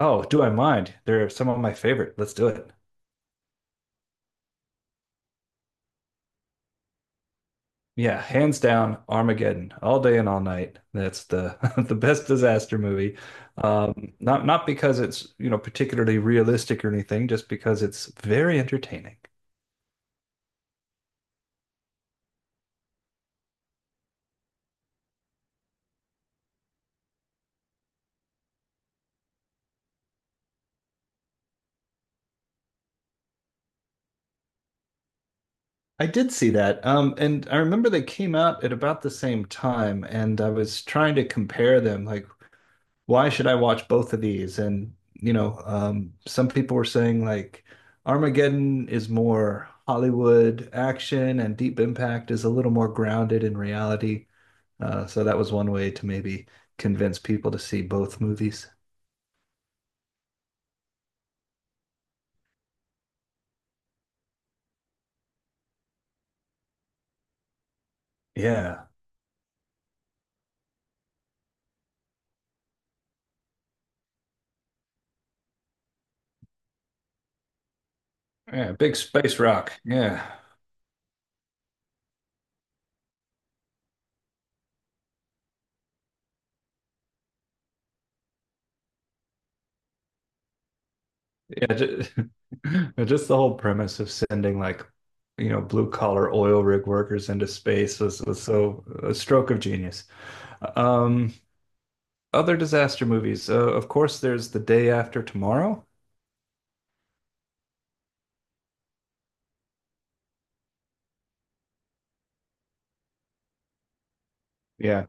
Oh, do I mind? They're some of my favorite. Let's do it. Yeah, hands down, Armageddon, all day and all night. That's the the best disaster movie. Not because it's, you know, particularly realistic or anything, just because it's very entertaining. I did see that. And I remember they came out at about the same time, and I was trying to compare them, like why should I watch both of these? Some people were saying like Armageddon is more Hollywood action, and Deep Impact is a little more grounded in reality. So that was one way to maybe convince people to see both movies. Yeah, yeah, big space rock. Yeah, yeah, just, just the whole premise of sending like. You know, blue collar oil rig workers into space was so a stroke of genius. Um, Other disaster movies. Of course, there's The Day After Tomorrow. Yeah.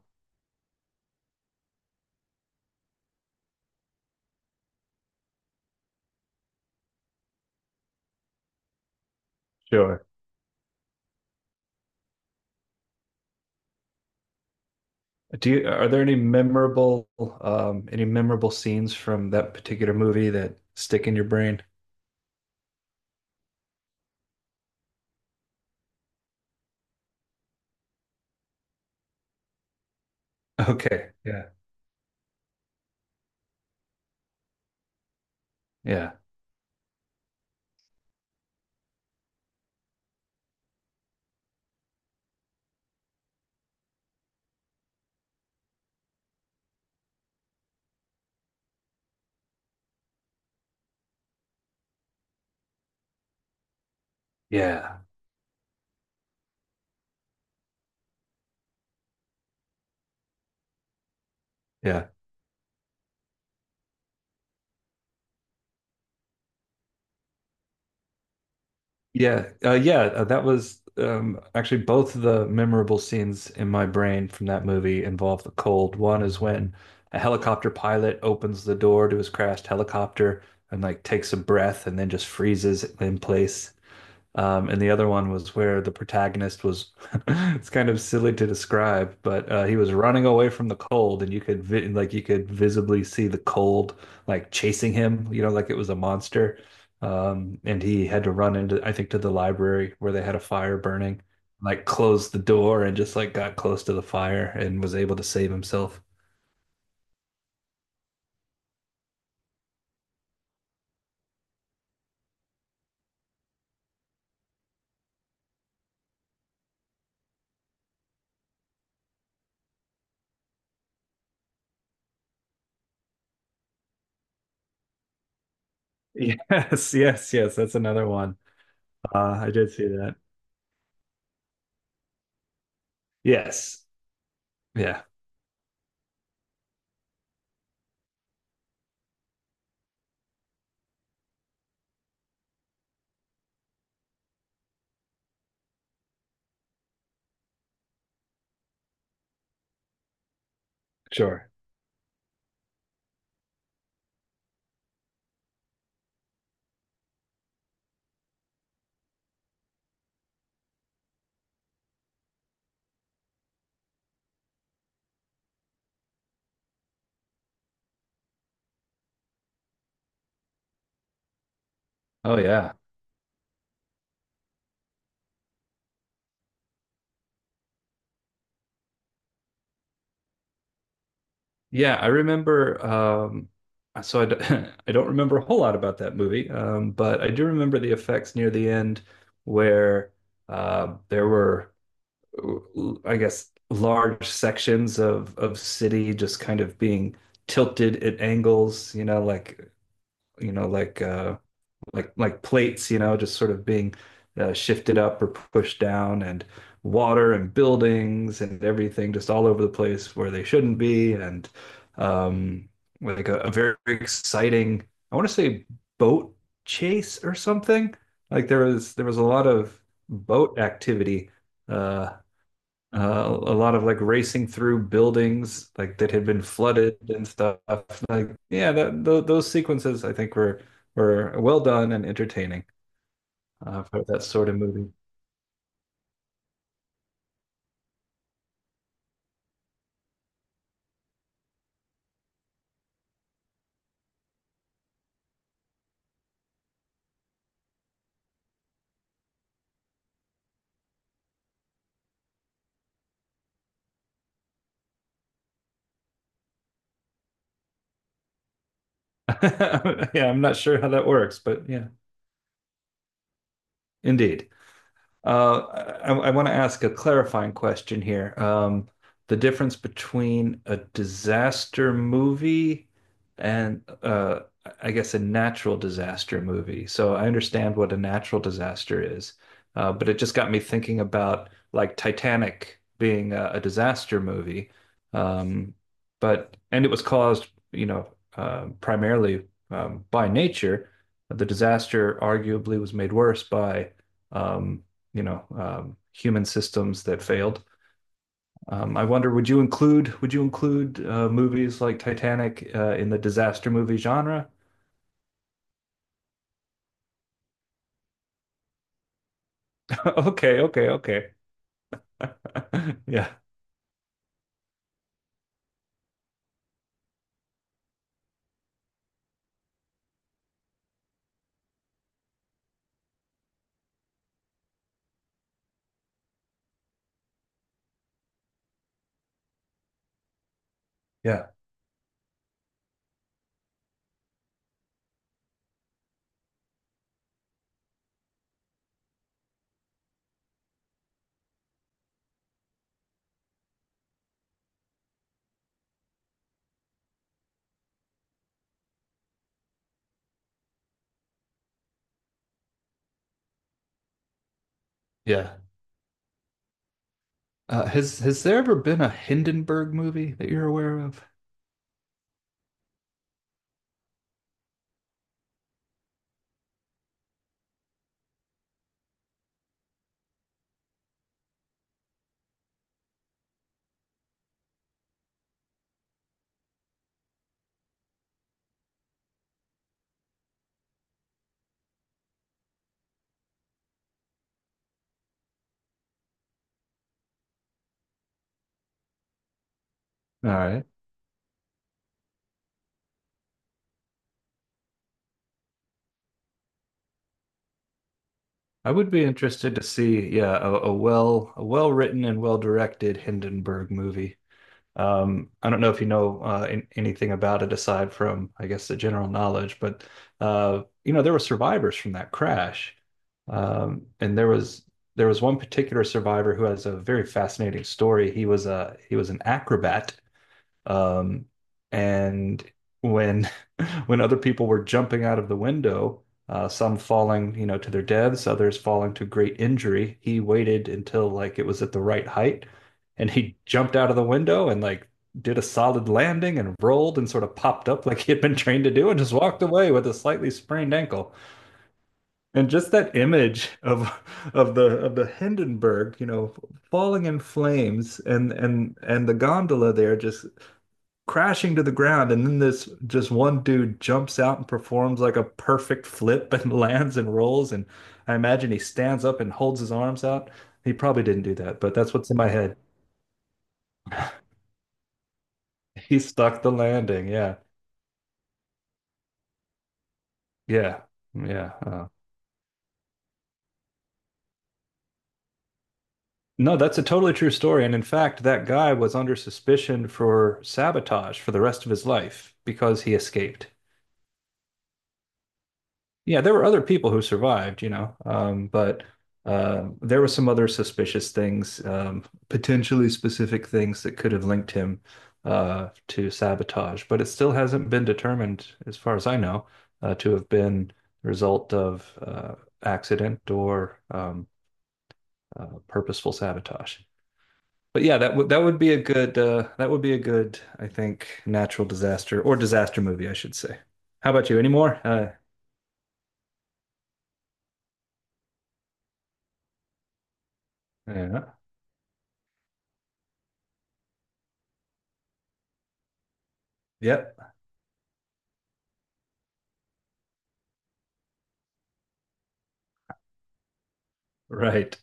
Sure. Do you, are there any memorable scenes from that particular movie that stick in your brain? Okay. Yeah. Yeah. Yeah. Yeah. Yeah. Yeah. That was actually both of the memorable scenes in my brain from that movie involve the cold. One is when a helicopter pilot opens the door to his crashed helicopter and like takes a breath and then just freezes in place. And the other one was where the protagonist was, it's kind of silly to describe, but he was running away from the cold and you could vi like you could visibly see the cold like chasing him, you know, like it was a monster. And he had to run into, I think, to the library where they had a fire burning, like closed the door and just like got close to the fire and was able to save himself. Yes, yes, yes, that's another one. Uh, I did see that. Yes. Yeah, sure. Oh yeah. Yeah, I remember. So I, d I don't remember a whole lot about that movie, but I do remember the effects near the end where there were, I guess, large sections of city just kind of being tilted at angles. You know, like plates, you know, just sort of being shifted up or pushed down, and water and buildings and everything just all over the place where they shouldn't be, and um, like a very exciting, I want to say boat chase or something. Like there was a lot of boat activity uh, a lot of like racing through buildings like that had been flooded and stuff. Like, yeah, that th those sequences I think were well done and entertaining for that sort of movie. Yeah, I'm not sure how that works, but yeah, indeed. Uh, I want to ask a clarifying question here. The difference between a disaster movie and I guess a natural disaster movie. So I understand what a natural disaster is, but it just got me thinking about like Titanic being a disaster movie. Um, but and it was caused, you know, primarily by nature. The disaster arguably was made worse by um, you know human systems that failed. I wonder, would you include movies like Titanic in the disaster movie genre? Okay, okay, okay. Yeah, yeah, yeah. Has there ever been a Hindenburg movie that you're aware of? All right. I would be interested to see, yeah, a, a well written and well directed Hindenburg movie. I don't know if you know anything about it aside from, I guess, the general knowledge, but you know, there were survivors from that crash, and there was one particular survivor who has a very fascinating story. He was an acrobat um, and when when other people were jumping out of the window, some falling, you know, to their deaths, others falling to great injury, he waited until like it was at the right height, and he jumped out of the window and like did a solid landing and rolled and sort of popped up like he had been trained to do and just walked away with a slightly sprained ankle. And just that image of of the Hindenburg, you know, falling in flames and the gondola there just crashing to the ground, and then this just one dude jumps out and performs like a perfect flip and lands and rolls. And I imagine he stands up and holds his arms out. He probably didn't do that, but that's what's in my head. He stuck the landing. Yeah, yeah, yeah. No, that's a totally true story. And in fact, that guy was under suspicion for sabotage for the rest of his life because he escaped. Yeah, there were other people who survived, you know, but there were some other suspicious things, potentially specific things that could have linked him to sabotage. But it still hasn't been determined, as far as I know, to have been the result of accident or purposeful sabotage. But yeah, that would be a good that would be a good, I think, natural disaster or disaster movie, I should say. How about you? Any more? Yeah. Yep. Right.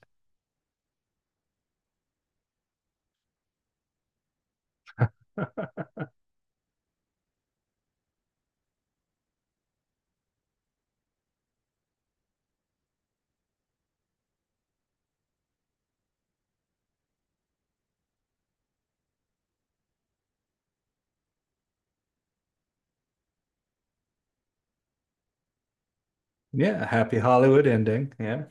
Yeah, happy Hollywood ending. Yeah.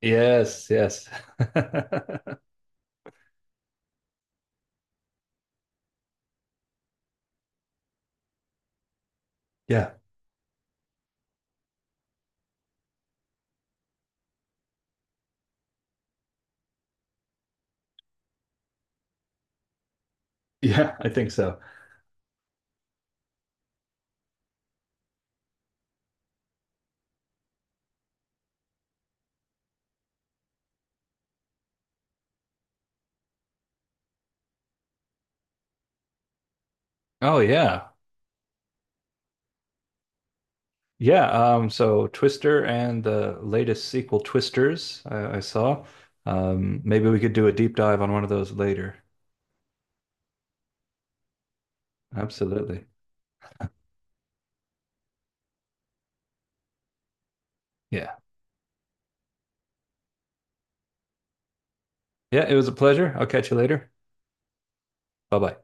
Yes, yes. Yeah. Yeah, I think so. Oh yeah. Yeah, so Twister and the latest sequel Twisters I saw. Maybe we could do a deep dive on one of those later. Absolutely. Yeah. Yeah, it was a pleasure. I'll catch you later. Bye-bye.